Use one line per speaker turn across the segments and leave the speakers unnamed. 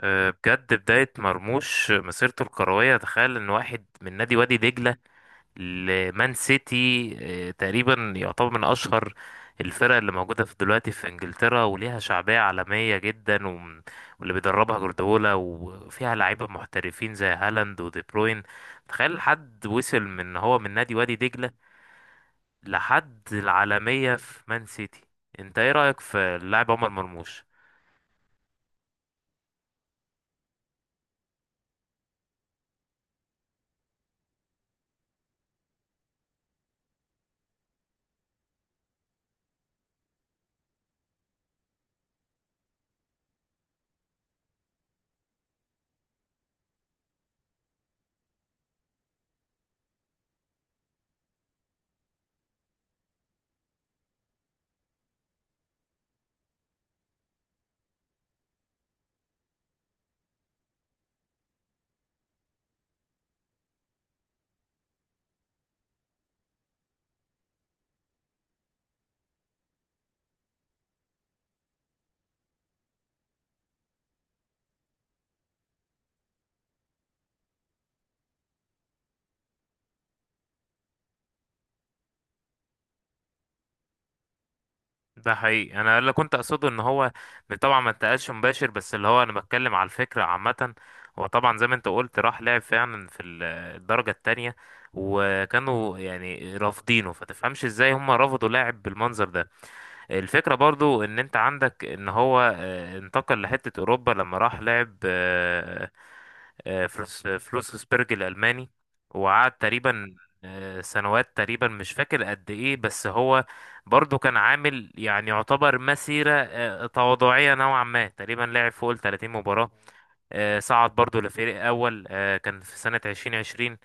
بجد بداية مرموش مسيرته الكروية، تخيل ان واحد من نادي وادي دجلة لمان سيتي. تقريبا يعتبر من اشهر الفرق اللي موجودة في دلوقتي في انجلترا وليها شعبية عالمية جدا، واللي بيدربها جوارديولا وفيها لعيبة محترفين زي هالاند ودي بروين. تخيل حد وصل من إن هو من نادي وادي دجلة لحد العالمية في مان سيتي. انت ايه رأيك في اللاعب عمر مرموش؟ ده حقيقي، انا اللي كنت اقصده ان هو طبعا ما انتقلش مباشر، بس اللي هو انا بتكلم على الفكره عامه. هو طبعا زي ما انت قلت راح لعب فعلا في الدرجه التانية، وكانوا يعني رافضينه، فتفهمش ازاي هم رفضوا لاعب بالمنظر ده. الفكرة برضو ان انت عندك ان هو انتقل لحتة اوروبا لما راح لعب فلوس فلوسسبرج الالماني، وقعد تقريبا سنوات، تقريبا مش فاكر قد ايه، بس هو برضو كان عامل يعني يعتبر مسيرة تواضعية نوعا ما. تقريبا لعب فوق ال 30 مباراة. صعد برضو لفريق اول، كان في سنة 2020.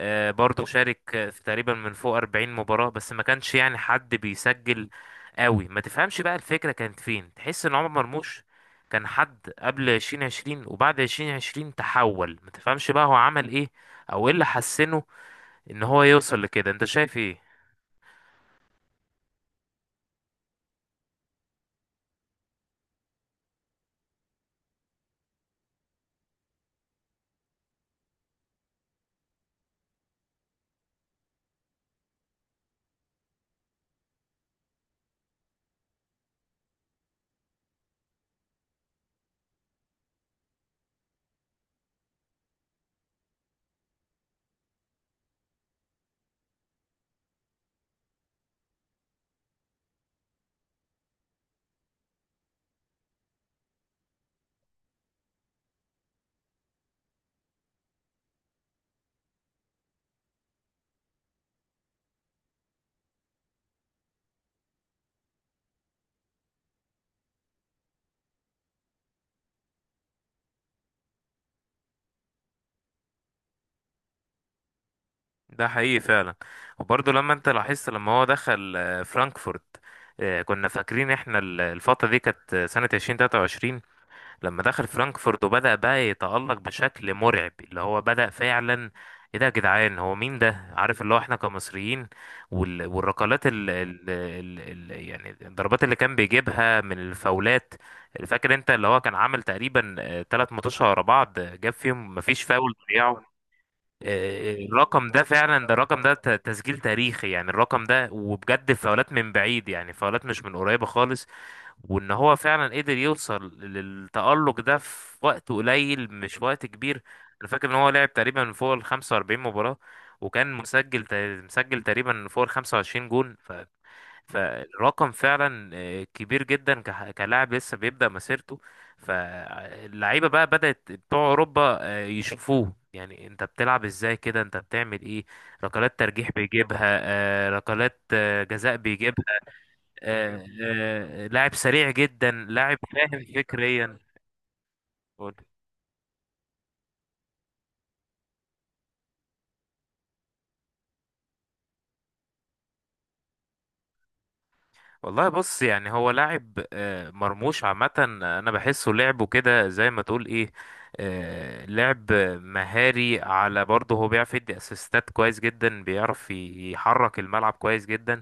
برضو شارك في تقريبا من فوق 40 مباراة، بس ما كانش يعني حد بيسجل قوي. ما تفهمش بقى الفكرة كانت فين، تحس ان عمر مرموش كان حد قبل 2020 وبعد 2020 تحول. ما تفهمش بقى هو عمل ايه او ايه اللي حسنه ان هو يوصل لكده، انت شايف ايه؟ ده حقيقي فعلا. وبرضو لما انت لاحظت لما هو دخل فرانكفورت، كنا فاكرين احنا الفترة دي كانت سنة 2023. لما دخل فرانكفورت وبدأ بقى يتألق بشكل مرعب، اللي هو بدأ فعلا. ايه ده يا جدعان، هو مين ده؟ عارف اللي هو احنا كمصريين وال... والركلات ال... ال... ال... ال... يعني الضربات اللي كان بيجيبها من الفاولات. فاكر انت اللي هو كان عامل تقريبا 3 ماتشات ورا بعض، جاب فيهم مفيش فاول ضيعه. الرقم ده فعلا، ده الرقم ده تسجيل تاريخي يعني. الرقم ده، وبجد فاولات من بعيد، يعني فاولات مش من قريبة خالص. وان هو فعلا قدر يوصل للتألق ده في وقت قليل، مش وقت كبير. انا فاكر ان هو لعب تقريبا فوق ال 45 مباراة، وكان مسجل مسجل تقريبا فوق ال 25 جون. فالرقم فعلا كبير جدا، كلاعب لسه بيبدأ مسيرته. فاللعيبة بقى بدأت بتوع اوروبا يشوفوه، يعني انت بتلعب ازاي كده؟ انت بتعمل ايه؟ ركلات ترجيح بيجيبها، ركلات جزاء. لاعب سريع جدا، لاعب فاهم فكريا. قول. والله بص، يعني هو لاعب مرموش عامة، أنا بحسه لعبه كده زي ما تقول إيه، لعب مهاري. على برضه هو بيعرف يدي أسيستات كويس جدا، بيعرف يحرك الملعب كويس جدا.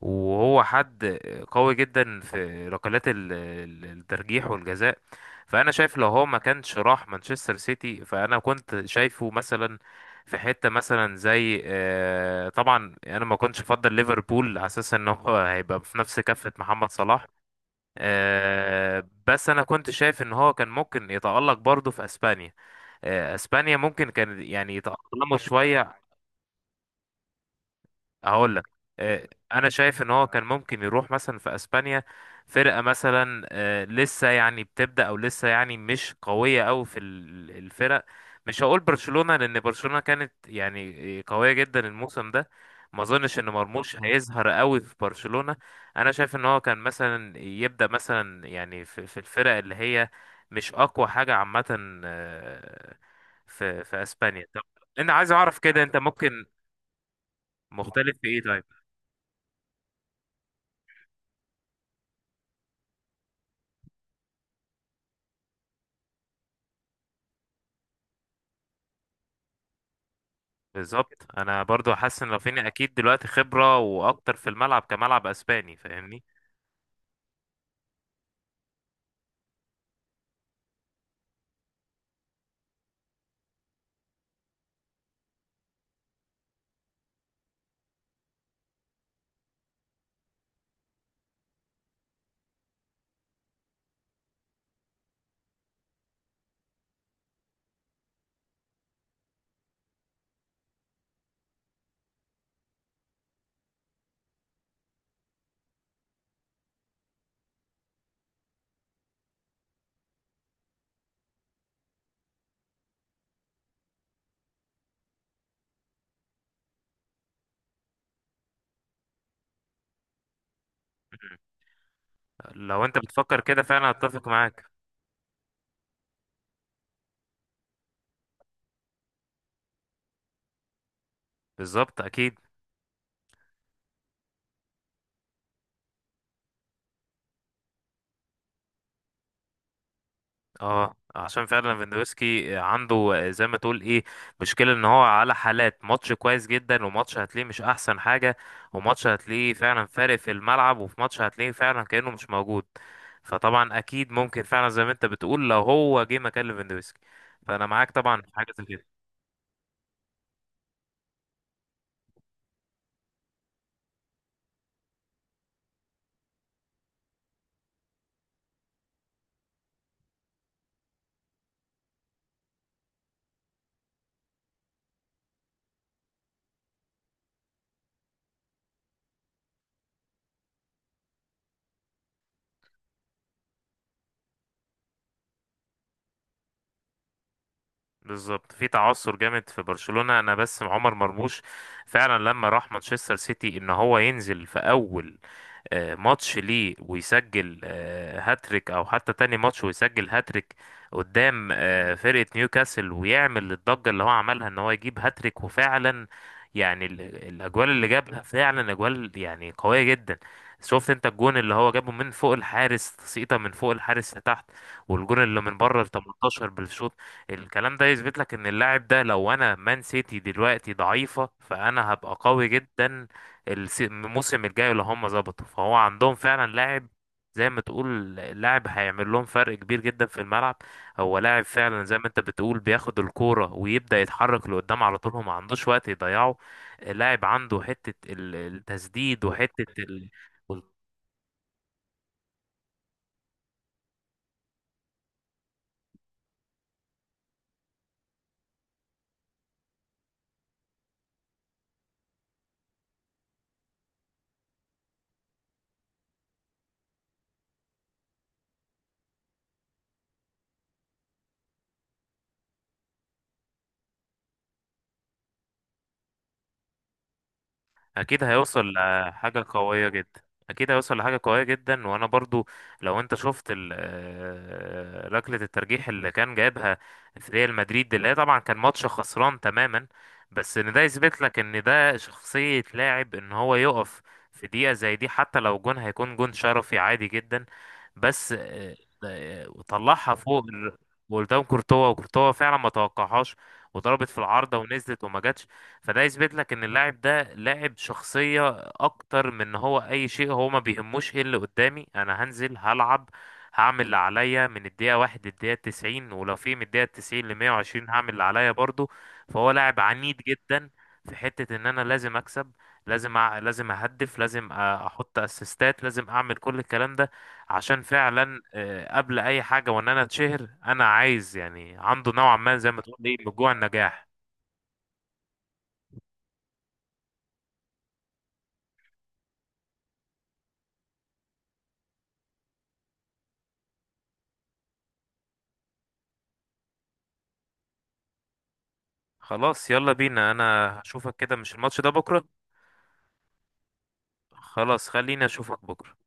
وهو حد قوي جدا في ركلات الترجيح والجزاء. فانا شايف لو هو ما كانش راح مانشستر سيتي، فانا كنت شايفه مثلا في حتة مثلا زي، طبعا انا ما كنتش افضل ليفربول على اساس ان هو هيبقى في نفس كفة محمد صلاح. بس انا كنت شايف ان هو كان ممكن يتألق برضه في اسبانيا. اسبانيا ممكن كان يعني يتأقلموا شوية. هقول لك، انا شايف ان هو كان ممكن يروح مثلا في اسبانيا، فرقه مثلا لسه يعني بتبدا، او لسه يعني مش قويه قوي في الفرق. مش هقول برشلونه لان برشلونه كانت يعني قويه جدا الموسم ده. ما اظنش ان مرموش هيظهر قوي في برشلونه. انا شايف ان هو كان مثلا يبدا مثلا يعني في الفرق اللي هي مش اقوى حاجه عامه، آه، في في اسبانيا. طب انا عايز اعرف كده انت ممكن، مختلف في ايه طيب؟ بالظبط، انا برضو حاسس ان رافينيا اكيد دلوقتي خبرة واكتر في الملعب كملعب اسباني، فاهمني؟ لو انت بتفكر كده فعلا اتفق معاك. بالظبط اكيد. اه، عشان فعلا فيندوفسكي عنده زي ما تقول ايه، مشكلة ان هو على حالات، ماتش كويس جدا، وماتش هتلاقيه مش احسن حاجة، وماتش هتلاقيه فعلا فارق في الملعب، وفي ماتش هتلاقيه فعلا كأنه مش موجود. فطبعا اكيد ممكن فعلا زي ما انت بتقول لو هو جه مكان ليفاندوفسكي، فانا معاك طبعا في حاجة زي كده. بالظبط. في تعثر جامد في برشلونة. انا بس عمر مرموش فعلا لما راح مانشستر سيتي، ان هو ينزل في اول ماتش ليه ويسجل هاتريك، او حتى تاني ماتش ويسجل هاتريك قدام فرقة نيوكاسل، ويعمل الضجة اللي هو عملها ان هو يجيب هاتريك. وفعلا يعني الاجوال اللي جابها فعلا اجوال يعني قوية جدا. شفت انت الجون اللي هو جابه من فوق الحارس، تسقيطه من فوق الحارس لتحت، والجون اللي من بره ال 18 بالشوط. الكلام ده يثبت لك ان اللاعب ده، لو انا مان سيتي دلوقتي ضعيفة، فانا هبقى قوي جدا. الموسم الجاي اللي هم ظبطوا، فهو عندهم فعلا لاعب، زي ما تقول لاعب هيعمل لهم فرق كبير جدا في الملعب. هو لاعب فعلا زي ما انت بتقول، بياخد الكورة ويبدأ يتحرك لقدام على طول، هو ما عندوش وقت يضيعه. لاعب عنده حتة التسديد، وحتة ال... اكيد هيوصل لحاجه قويه جدا. اكيد هيوصل لحاجه قويه جدا. وانا برضو لو انت شفت ركله الترجيح اللي كان جايبها في ريال مدريد، اللي هي طبعا كان ماتش خسران تماما. بس ان ده يثبت لك ان ده شخصيه لاعب، ان هو يقف في دقيقه زي دي حتى لو جون هيكون جون شرفي عادي جدا. بس طلعها فوق ال-، وقدام كورتوا. وكورتوا فعلا ما توقعهاش، وضربت في العارضه ونزلت وما جاتش. فده يثبت لك ان اللاعب ده لاعب شخصية اكتر من ان هو اي شيء. هو ما بيهموش ايه اللي قدامي، انا هنزل هلعب، هعمل اللي عليا من الدقيقة 1 للدقيقة تسعين، ولو في من الدقيقة 90 لـ120 هعمل اللي عليا برضو. فهو لاعب عنيد جدا في حتة ان انا لازم اكسب، لازم أع... لازم اهدف، لازم احط اسيستات، لازم اعمل كل الكلام ده عشان فعلا قبل اي حاجة وان انا اتشهر. انا عايز، يعني عنده نوعا ما زي ما تقول ايه، من جوع النجاح. خلاص يلا بينا. انا هشوفك كده مش الماتش ده بكرة؟ خلاص خليني اشوفك بكرة.